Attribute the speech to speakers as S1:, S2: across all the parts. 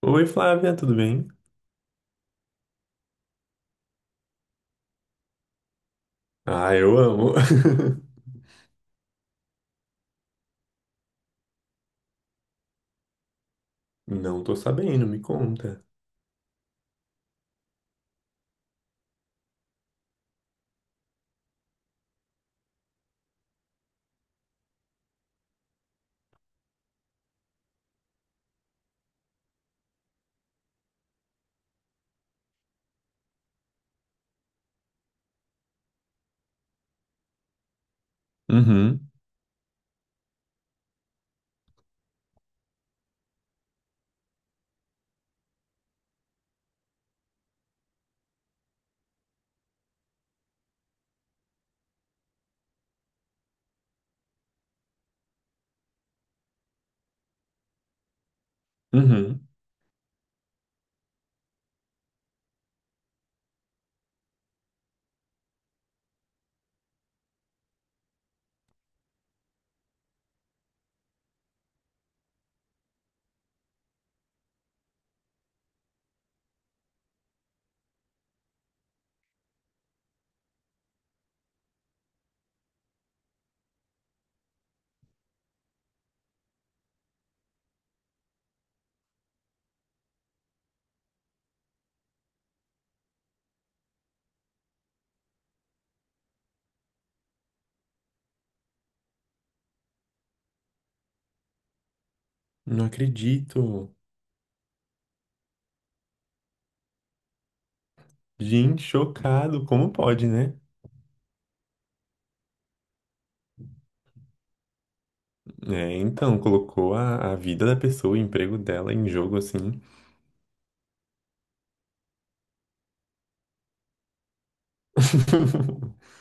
S1: Oi, Flávia, tudo bem? Ah, eu amo. Não tô sabendo, me conta. Uhum, uhum. Não acredito. Gente, chocado. Como pode, né? É, então, colocou a vida da pessoa, o emprego dela em jogo assim.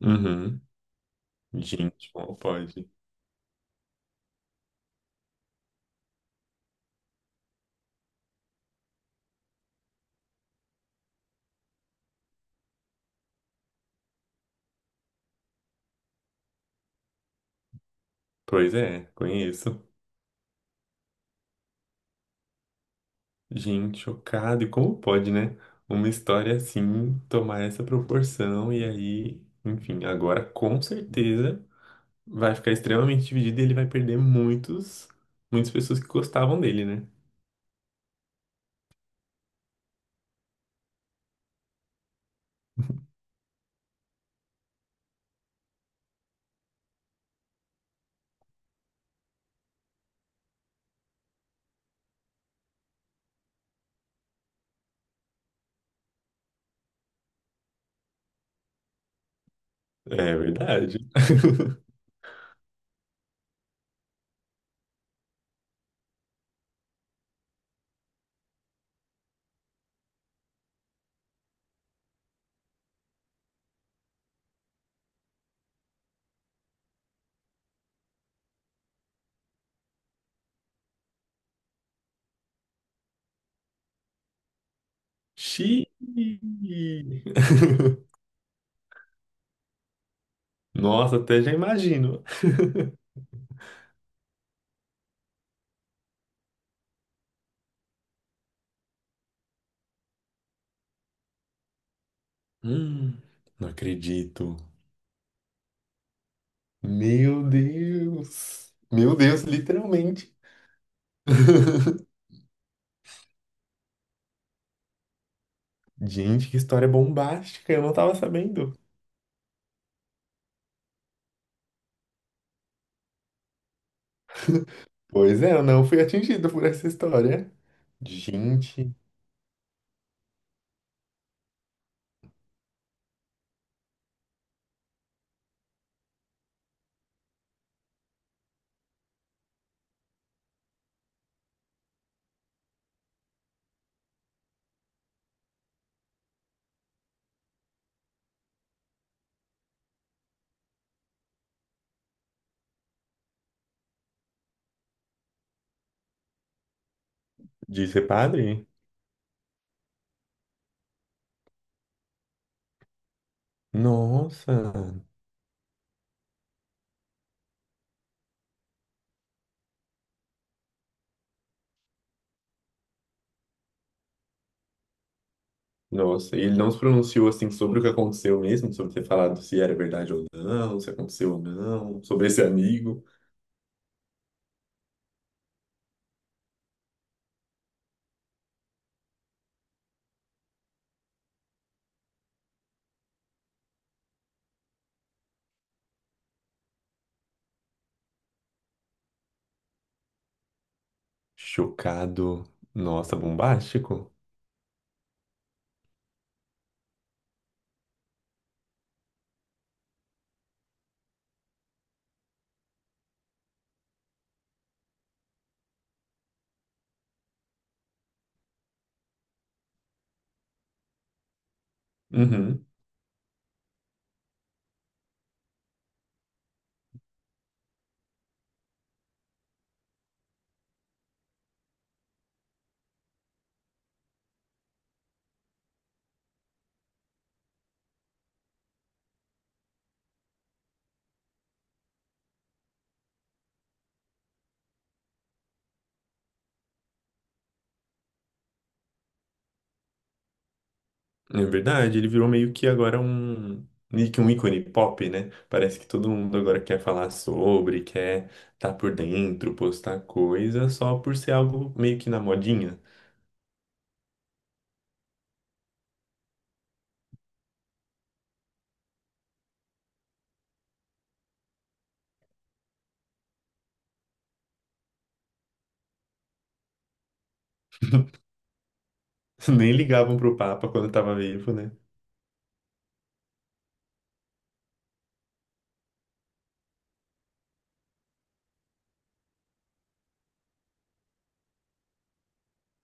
S1: Uhum. Gente, como pode? Pois é, conheço. Gente, chocado. E como pode, né? Uma história assim tomar essa proporção e aí, enfim, agora com certeza vai ficar extremamente dividido e ele vai perder muitas pessoas que gostavam dele, né? É verdade. Xiii. Nossa, até já imagino. Hum, não acredito. Meu Deus. Meu Deus, literalmente. Gente, que história bombástica, eu não tava sabendo. Pois é, eu não fui atingido por essa história. Gente, de ser padre? Nossa. Nossa, e ele não se pronunciou assim sobre o que aconteceu mesmo, sobre ter falado se era verdade ou não, se aconteceu ou não, sobre esse amigo. Chocado. Nossa, bombástico. Uhum. É verdade, ele virou meio que um ícone pop, né? Parece que todo mundo agora quer falar sobre, quer estar por dentro, postar coisa, só por ser algo meio que na modinha. Nem ligavam pro Papa quando tava vivo, né?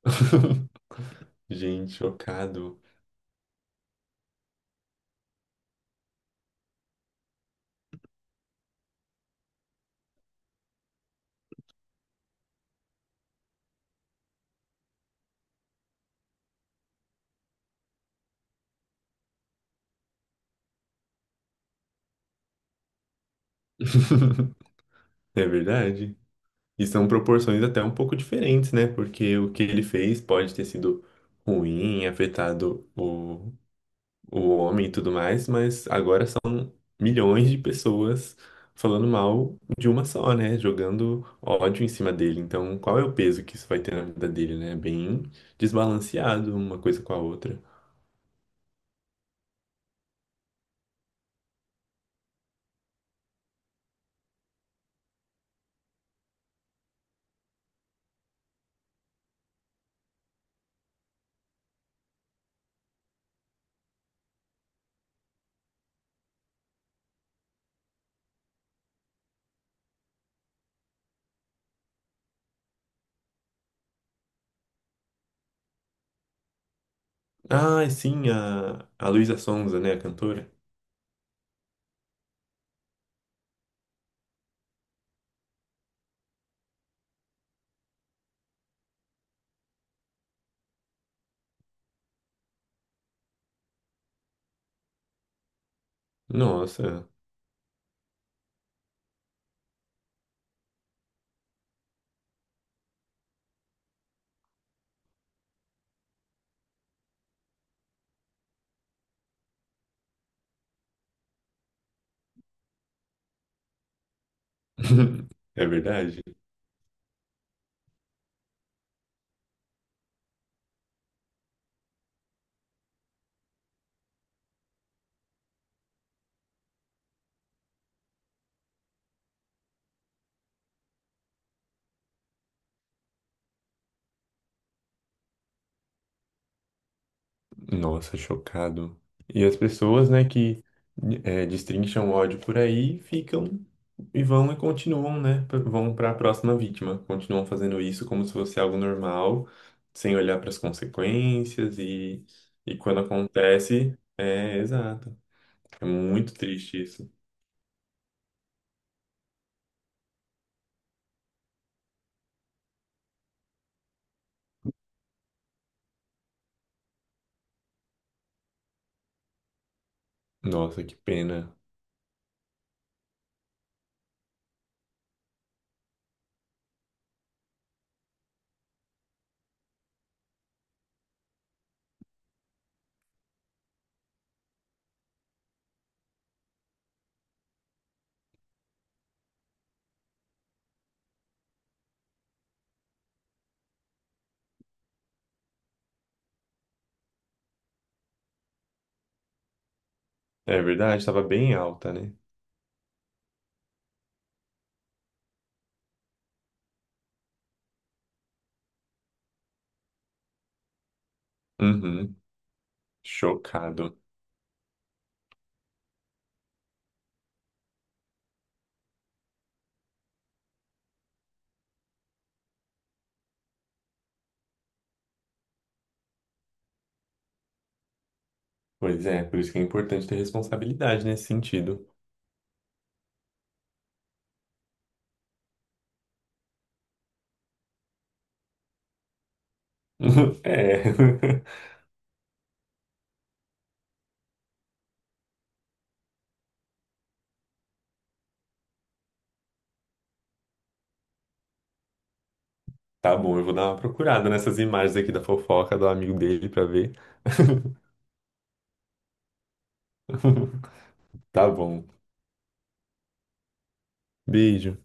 S1: Gente, chocado. É verdade. E são proporções até um pouco diferentes, né? Porque o que ele fez pode ter sido ruim, afetado o homem e tudo mais, mas agora são milhões de pessoas falando mal de uma só, né? Jogando ódio em cima dele. Então, qual é o peso que isso vai ter na vida dele, né? Bem desbalanceado uma coisa com a outra. Ah, sim, a Luísa Sonza, né? A cantora. Nossa, é verdade. Nossa, chocado. E as pessoas, né, que é, destrincham ódio por aí ficam e vão e continuam, né, p- vão para a próxima vítima. Continuam fazendo isso como se fosse algo normal, sem olhar para as consequências e quando acontece, é exato. É muito triste isso. Nossa, que pena. É verdade, estava bem alta, né? Uhum, chocado. Pois é, por isso que é importante ter responsabilidade nesse sentido. É. Tá bom, eu vou dar uma procurada nessas imagens aqui da fofoca do amigo dele pra ver. Tá bom. Beijo.